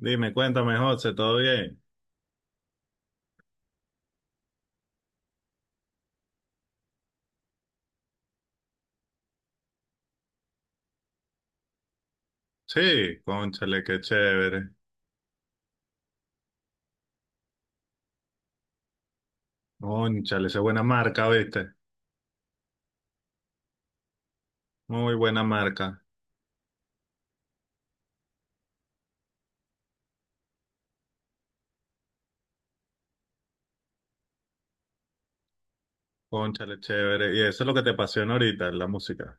Dime, cuéntame, José, ¿todo bien? Sí, cónchale, qué chévere. Cónchale, esa es buena marca, ¿viste? Muy buena marca. Cónchale, chévere. Y eso es lo que te apasiona ahorita, la música.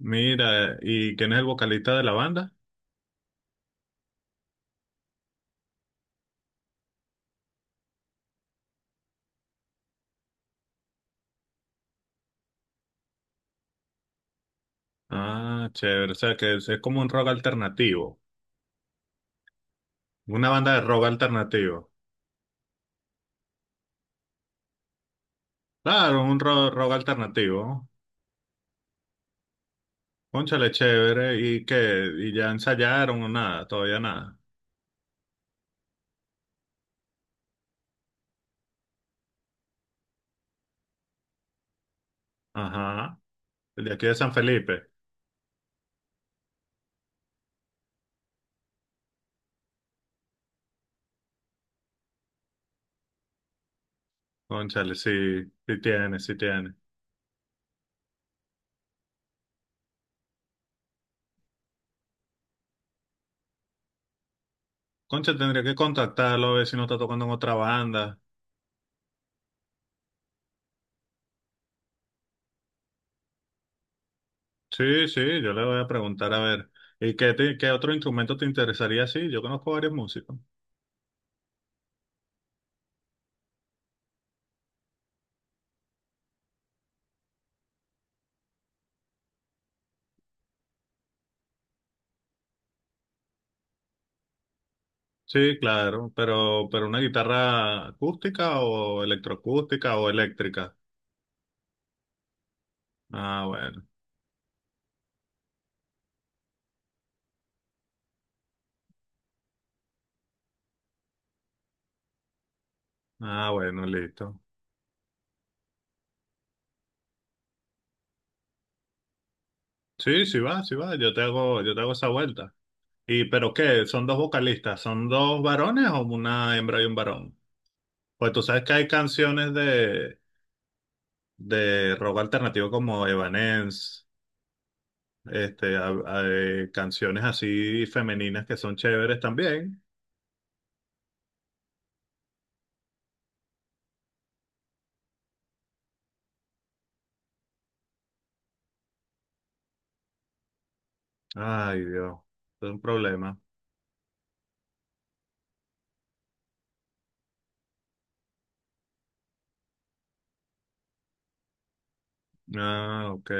Mira, ¿y quién es el vocalista de la banda? Ah, chévere. O sea, que es como un rock alternativo. Una banda de rock alternativo. Claro, un rock alternativo. Cónchale, chévere. ¿Y qué? ¿Y ya ensayaron o nada? Todavía nada. Ajá. El de aquí de San Felipe. Cónchale, sí, sí tiene, sí tiene. Concha, tendría que contactarlo a ver si no está tocando en otra banda. Sí, sí, yo le voy a preguntar a ver. ¿Y qué, qué otro instrumento te interesaría? Sí, yo conozco varios músicos. Sí, claro, pero una guitarra acústica o electroacústica o eléctrica. Ah, bueno. Ah, bueno, listo. Sí, sí va, sí va. Yo te hago esa vuelta. ¿Y pero qué? ¿Son dos vocalistas? ¿Son dos varones o una hembra y un varón? Pues tú sabes que hay canciones de rock alternativo como Evanescence, este, canciones así femeninas que son chéveres también. Ay, Dios, es un problema. Ah, ok.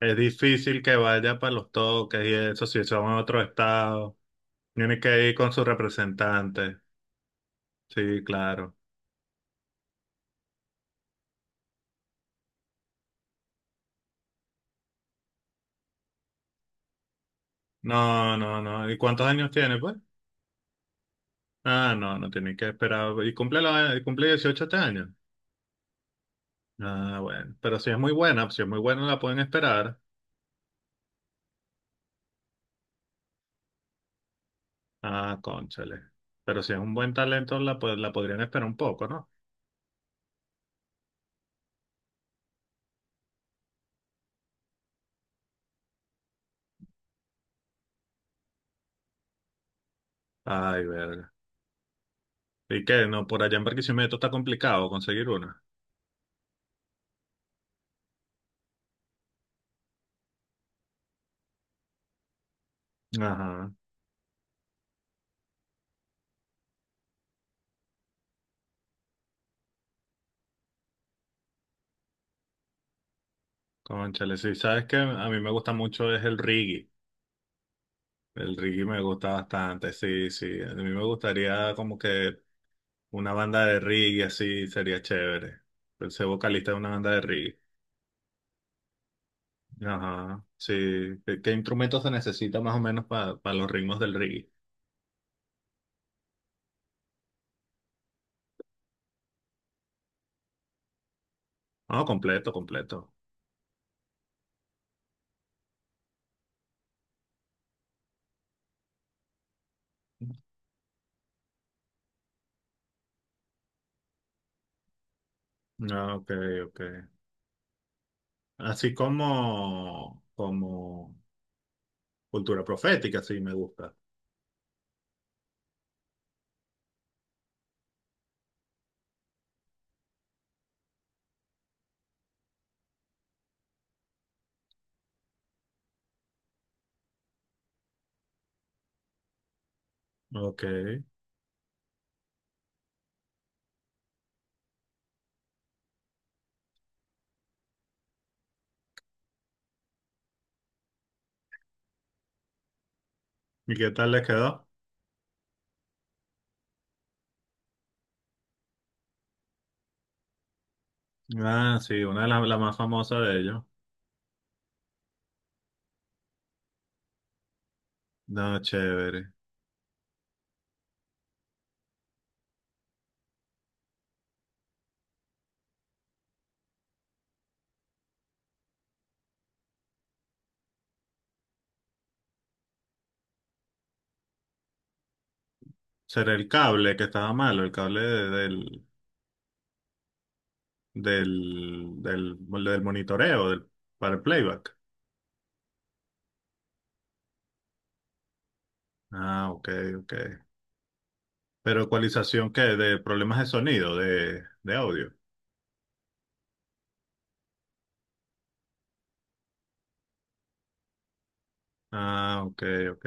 Es difícil que vaya para los toques y eso, si son en otro estado. Tiene que ir con su representante. Sí, claro. No, no, no. ¿Y cuántos años tiene, pues? Ah, no, no tiene que esperar. ¿Y cumple, la, cumple 18 este año? Ah, bueno. Pero si es muy buena, si es muy buena, la pueden esperar. Ah, cónchale. Pero si es un buen talento, la, la podrían esperar un poco, ¿no? Ay, verga. ¿Y qué? No, por allá en Barquisimeto está complicado conseguir una. Ajá, cónchale. Sí, sabes que a mí me gusta mucho es el reggae. El reggae me gusta bastante, sí, sí. A mí me gustaría como que una banda de reggae así sería chévere. El ser vocalista de una banda de reggae. Ajá, sí. ¿Qué, qué instrumentos se necesita más o menos para los ritmos del reggae? No, completo, completo. Ah, ok, ok. Así como, como cultura profética, sí, me gusta. Ok. ¿Y qué tal les quedó? Ah, sí, una de las la más famosas de ellos. No, chévere. Será el cable que estaba malo, el cable del, del, del monitoreo para el playback. Ah, ok, ok. Pero ecualización, ¿qué? De problemas de sonido, de audio. Ah, ok, ok.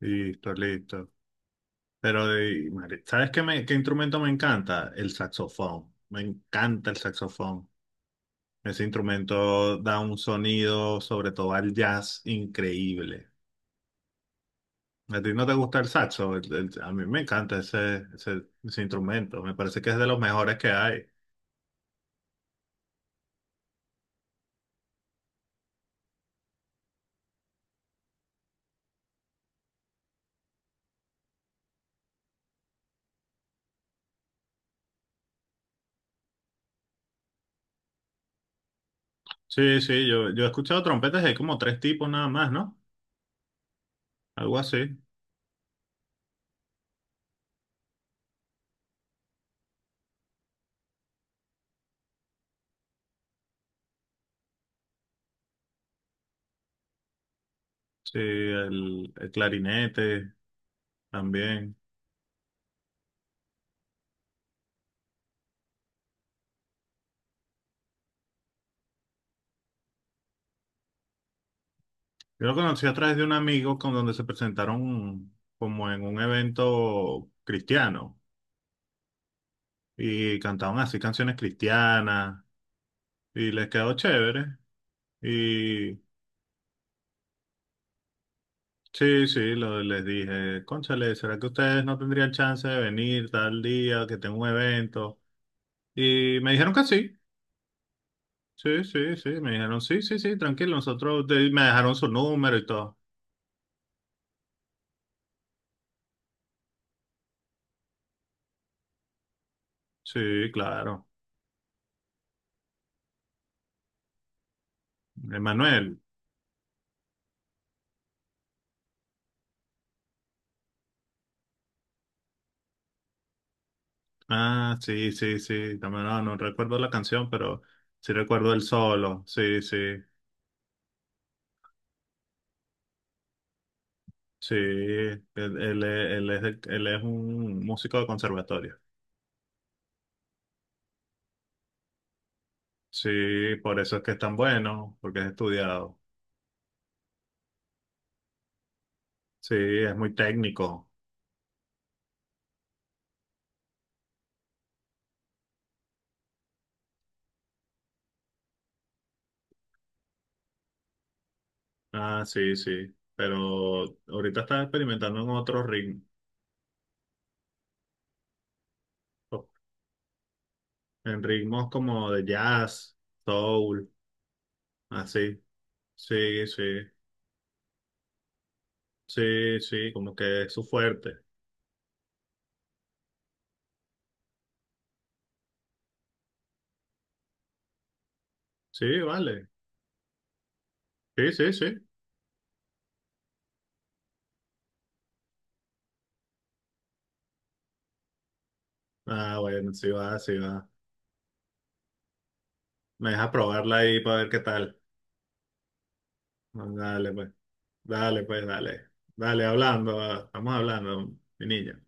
Listo, listo. Pero, madre, ¿sabes qué, qué instrumento me encanta? El saxofón. Me encanta el saxofón. Ese instrumento da un sonido, sobre todo al jazz, increíble. ¿A ti no te gusta el saxo? A mí me encanta ese instrumento. Me parece que es de los mejores que hay. Sí, sí, yo he escuchado trompetas, hay como tres tipos nada más, ¿no? Algo así. Sí, el clarinete también. Yo lo conocí a través de un amigo con donde se presentaron como en un evento cristiano y cantaban así canciones cristianas y les quedó chévere. Y sí, sí, les dije, cónchale, ¿será que ustedes no tendrían chance de venir tal día que tengo un evento? Y me dijeron que sí, sí, sí, sí, me dijeron sí, sí, sí, tranquilo, me dejaron su número y todo. Sí, claro. Emanuel. Ah, sí, sí, sí. También, no, no recuerdo la canción, pero sí recuerdo el solo. Sí, sí, sí. Él es un músico de conservatorio. Sí, por eso es que es tan bueno, porque es estudiado. Sí, es muy técnico. Ah, sí, sí. Pero ahorita está experimentando en otros ritmos, en ritmos como de jazz, soul, así. Sí, sí, sí, sí, como que es su fuerte. Sí, vale. Sí, sí, sí. Ah, bueno, sí va, sí va. Me deja probarla ahí para ver qué tal. Dale, pues. Dale, pues, dale. Dale, hablando. Va. Estamos hablando, mi niño.